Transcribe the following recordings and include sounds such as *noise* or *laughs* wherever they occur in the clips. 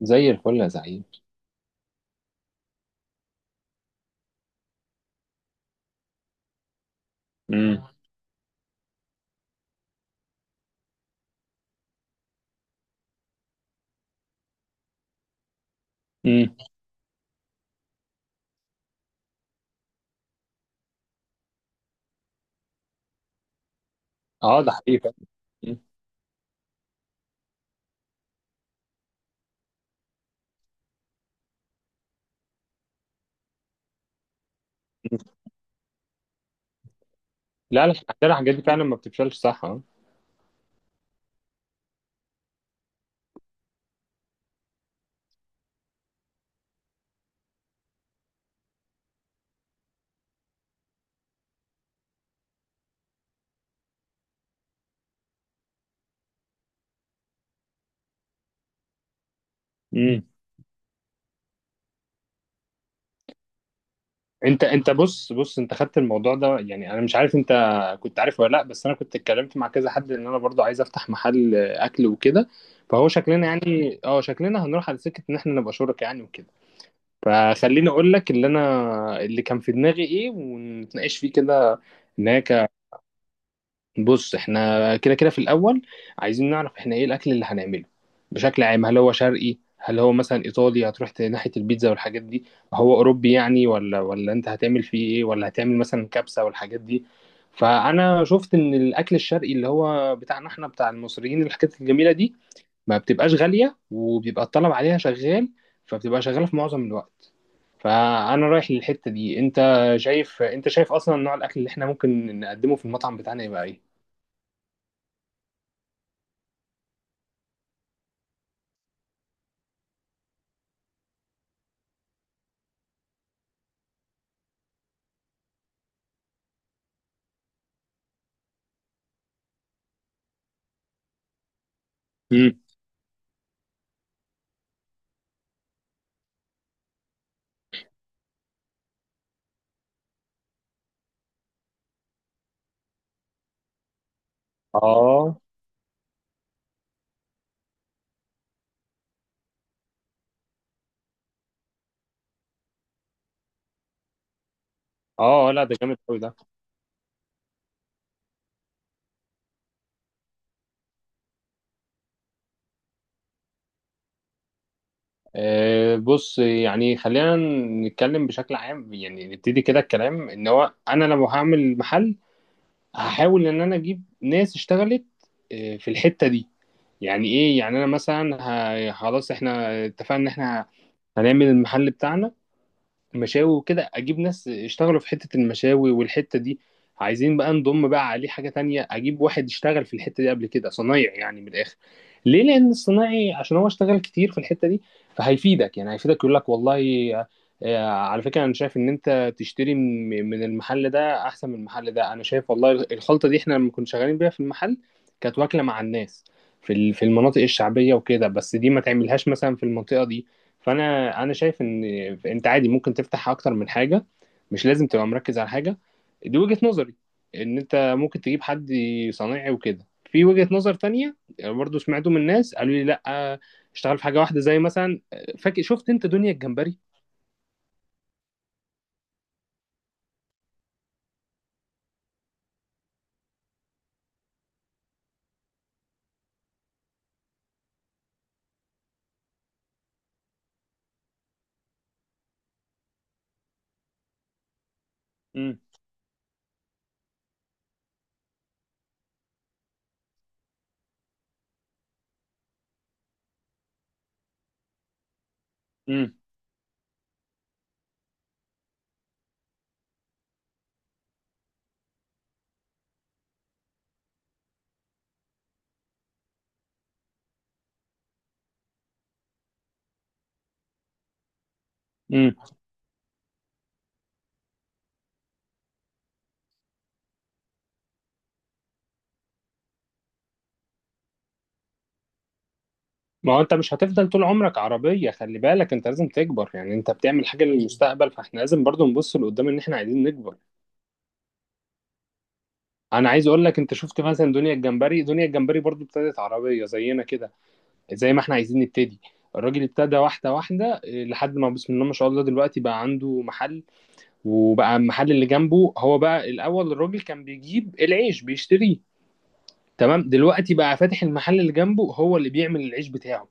زي الفل يا زعيم. امم امم اه ده حقيقي فعلا. مم. لا لا، فعلا الحاجات دي فعلا ما بتفشلش، صح اه. امم انت بص، انت خدت الموضوع ده، يعني انا مش عارف انت كنت عارف ولا لا، بس انا كنت اتكلمت مع كذا حد ان انا برضو عايز افتح محل اكل وكده. فهو شكلنا يعني اه، شكلنا هنروح على سكه ان احنا نبقى شركاء يعني وكده. فخليني اقول لك اللي انا اللي كان في دماغي ايه ونتناقش فيه كده. هناك، بص احنا كده كده في الاول عايزين نعرف احنا ايه الاكل اللي هنعمله بشكل عام، هل هو شرقي، هل هو مثلا ايطالي هتروح ناحيه البيتزا والحاجات دي، هو اوروبي يعني، ولا انت هتعمل فيه ايه، ولا هتعمل مثلا كبسه والحاجات دي. فانا شفت ان الاكل الشرقي اللي هو بتاعنا احنا بتاع المصريين، الحاجات الجميله دي ما بتبقاش غاليه، وبيبقى الطلب عليها شغال، فبتبقى شغاله في معظم الوقت. فانا رايح للحته دي. انت شايف، انت شايف اصلا نوع الاكل اللي احنا ممكن نقدمه في المطعم بتاعنا يبقى ايه؟ مم. اه. اه، لا ده جامد قوي ده. بص، يعني خلينا نتكلم بشكل عام يعني، نبتدي كده الكلام ان هو انا لو هعمل محل هحاول ان انا اجيب ناس اشتغلت في الحتة دي. يعني ايه؟ يعني انا مثلا، خلاص احنا اتفقنا ان احنا هنعمل المحل بتاعنا مشاوي وكده، اجيب ناس يشتغلوا في حتة المشاوي والحتة دي. عايزين بقى نضم بقى عليه حاجة تانية، اجيب واحد يشتغل في الحتة دي قبل كده، صنايعي يعني من الاخر. ليه؟ لان الصنايعي عشان هو اشتغل كتير في الحتة دي، فهيفيدك يعني، هيفيدك يقول لك والله على فكرة انا شايف ان انت تشتري من المحل ده احسن من المحل ده، انا شايف والله الخلطة دي احنا لما كنا شغالين بيها في المحل كانت واكلة مع الناس في في المناطق الشعبية وكده، بس دي ما تعملهاش مثلا في المنطقة دي. فانا، انا شايف ان انت عادي ممكن تفتح اكتر من حاجه، مش لازم تبقى مركز على حاجه، دي وجهه نظري، ان انت ممكن تجيب حد صنايعي وكده. في وجهه نظر تانية برضو سمعته من ناس قالوا لي لا، اشتغل في حاجه واحده زي مثلا، فاكر شفت انت دنيا الجمبري؟ امم امم امم ما هو انت مش هتفضل طول عمرك عربيه، خلي بالك انت لازم تكبر يعني، انت بتعمل حاجه للمستقبل، فاحنا لازم برضو نبص لقدام ان احنا عايزين نكبر. انا عايز اقول لك، انت شفت مثلا دنيا الجمبري، دنيا الجمبري برضو ابتدت عربيه زينا كده، زي ما احنا عايزين نبتدي. الراجل ابتدى واحدة واحدة لحد ما بسم الله ما شاء الله دلوقتي بقى عنده محل، وبقى المحل اللي جنبه هو، بقى الأول الراجل كان بيجيب العيش بيشتريه، تمام، دلوقتي بقى فاتح المحل اللي جنبه هو اللي بيعمل العيش بتاعه.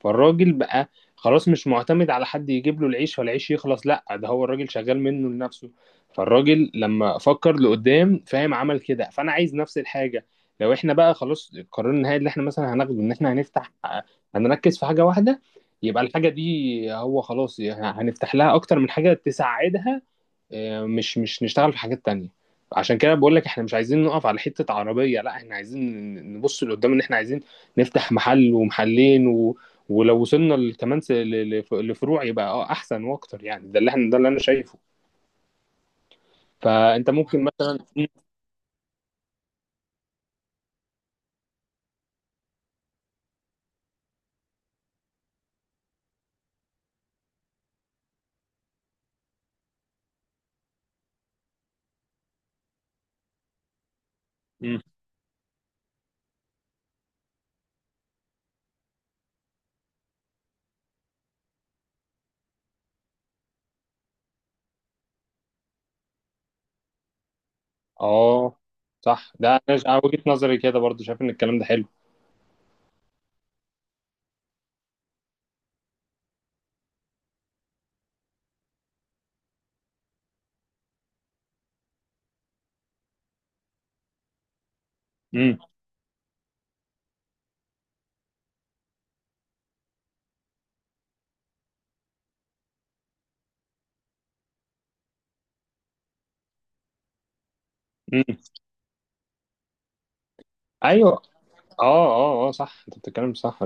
فالراجل بقى خلاص مش معتمد على حد يجيب له العيش فالعيش يخلص، لا ده هو الراجل شغال منه لنفسه. فالراجل لما فكر لقدام، فاهم، عمل كده. فانا عايز نفس الحاجه. لو احنا بقى خلاص القرار النهائي اللي احنا مثلا هناخده ان احنا هنفتح، هنركز في حاجه واحده، يبقى الحاجه دي هو خلاص يعني هنفتح لها اكتر من حاجه تساعدها، مش، نشتغل في حاجات تانية. عشان كده بقول لك احنا مش عايزين نقف على حتة عربية، لا احنا عايزين نبص لقدام، ان احنا عايزين نفتح محل ومحلين و... ولو وصلنا كمان لفروع يبقى اه احسن واكتر يعني. ده اللي احنا، ده اللي انا شايفه. فانت ممكن مثلا *laughs* مم. اه صح، ده انا أنا وجهة نظري كده برضو، شايف ان الكلام ده حلو. امم امم ايوه. اه اه اه، صح، انت بتتكلم صح.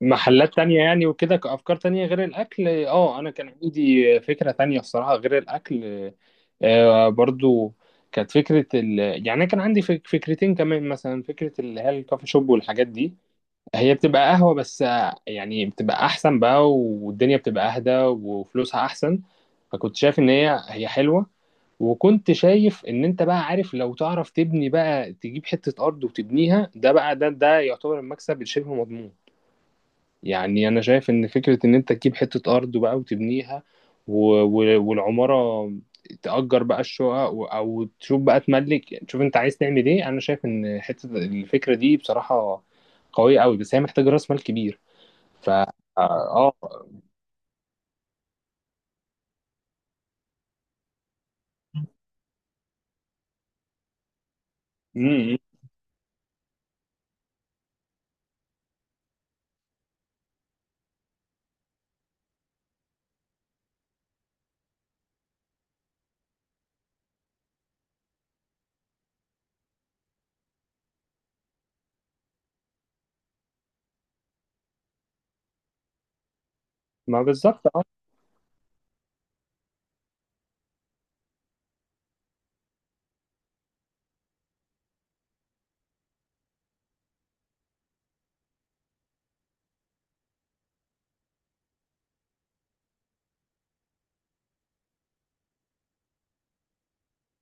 محلات تانية يعني وكده، كأفكار تانية غير الأكل، اه أنا كان عندي فكرة تانية الصراحة غير الأكل، برضو، كانت فكرة ال... يعني أنا كان عندي فكرتين كمان، مثلا فكرة اللي هي الكافي شوب والحاجات دي، هي بتبقى قهوة بس يعني بتبقى أحسن بقى، والدنيا بتبقى أهدى، وفلوسها أحسن، فكنت شايف إن هي، حلوة. وكنت شايف ان انت بقى عارف، لو تعرف تبني بقى، تجيب حتة ارض وتبنيها، ده بقى، ده يعتبر المكسب الشبه مضمون. يعني انا شايف ان فكرة ان انت تجيب حتة ارض بقى وتبنيها، و... و... والعمارة تأجر بقى الشقق و... او تشوف بقى تملك، تشوف انت عايز تعمل ايه. انا شايف ان حتة الفكرة دي بصراحة قوية قوي، بس هي محتاجة راس مال كبير. ف اه آه. م- م. ما بالظبط اه.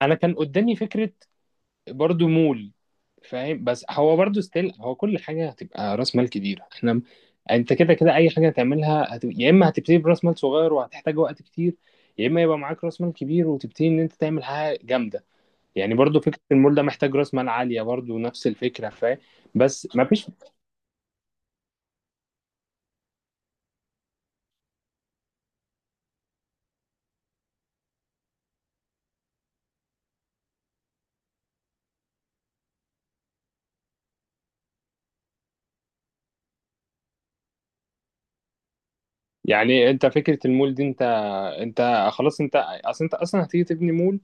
انا كان قدامي فكرة برضو، مول، فاهم، بس هو برضو ستيل هو كل حاجه هتبقى راس مال كبيره، احنا انت كده كده اي حاجه هتعملها يا اما هتبتدي براس مال صغير وهتحتاج وقت كتير، يا اما يبقى معاك راس مال كبير وتبتدي ان انت تعمل حاجه جامده. يعني برضو فكره المول ده محتاج راس مال عاليه، برضو نفس الفكره فاهم. بس ما فيش. يعني انت فكره المول دي، انت انت خلاص انت، اصل انت اصلا هتيجي تبني مول،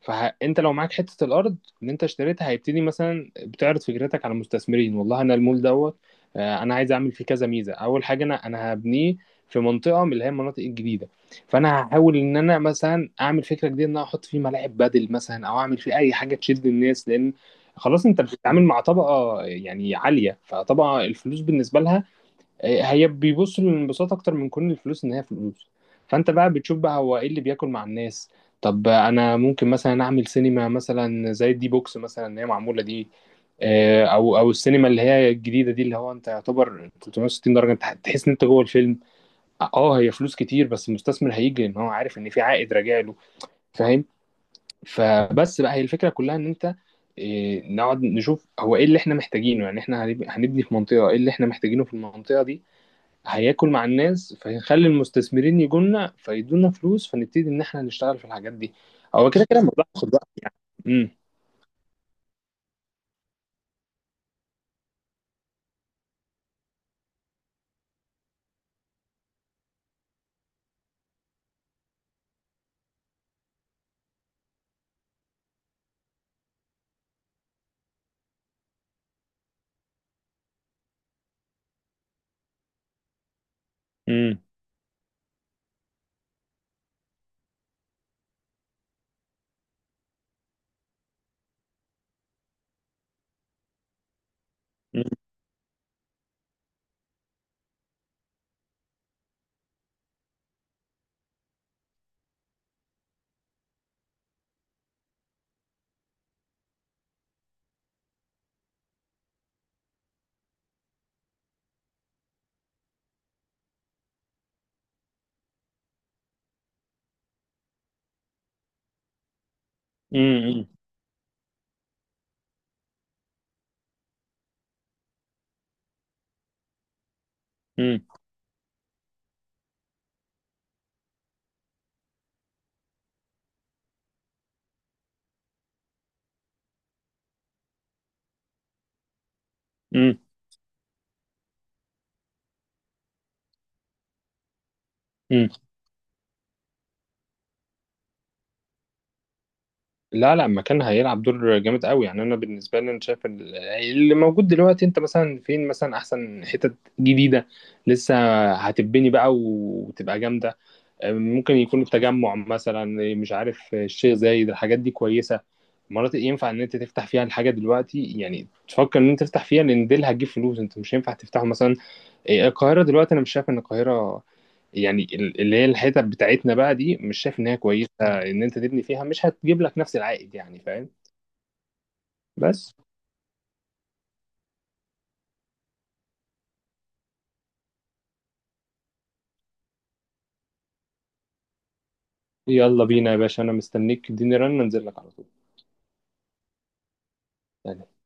فانت لو معاك حته الارض اللي انت اشتريتها، هيبتدي مثلا بتعرض فكرتك على المستثمرين، والله انا المول دوت انا عايز اعمل فيه كذا ميزه، اول حاجه انا، هبنيه في منطقه من اللي هي المناطق الجديده، فانا هحاول ان انا مثلا اعمل فكره جديده ان انا احط فيه ملاعب بدل مثلا، او اعمل فيه اي حاجه تشد الناس، لان خلاص انت بتتعامل مع طبقه يعني عاليه، فطبعا الفلوس بالنسبه لها، هي بيبصوا للانبساط اكتر من كون الفلوس ان هي فلوس. فانت بقى بتشوف بقى هو ايه اللي بياكل مع الناس. طب انا ممكن مثلا اعمل سينما مثلا، زي الدي بوكس مثلا اللي هي معموله دي، او، السينما اللي هي الجديده دي، اللي هو انت يعتبر 360 درجه انت تحس ان انت جوه الفيلم. اه، هي فلوس كتير بس المستثمر هيجي ان هو عارف ان في عائد راجع له، فاهم. فبس بقى، هي الفكره كلها ان انت نقعد نشوف هو ايه اللي احنا محتاجينه، يعني احنا هنبني في منطقه، ايه اللي احنا محتاجينه في المنطقه دي هياكل مع الناس، فهنخلي المستثمرين يجولنا فيدونا فلوس، فنبتدي ان احنا نشتغل في الحاجات دي. هو كده كده الموضوع هياخد وقت يعني. امم امم امم امم امم امم لا لا، مكان هيلعب دور جامد قوي يعني. انا بالنسبه لي انا شايف اللي موجود دلوقتي، انت مثلا فين مثلا احسن حتت جديده لسه هتبني بقى وتبقى جامده، ممكن يكون التجمع مثلا، مش عارف، الشيخ زايد، الحاجات دي كويسه، مناطق ينفع ان انت تفتح فيها الحاجه دلوقتي، يعني تفكر ان انت تفتح فيها لان دي اللي هتجيب فلوس. انت مش هينفع تفتحه مثلا القاهره دلوقتي، انا مش شايف ان القاهره يعني اللي هي الحتت بتاعتنا بقى دي، مش شايف ان هي كويسه ان انت تبني فيها، مش هتجيب لك نفس العائد يعني فاهم. بس يلا بينا يا باشا، انا مستنيك، اديني رن انزل لك على طول.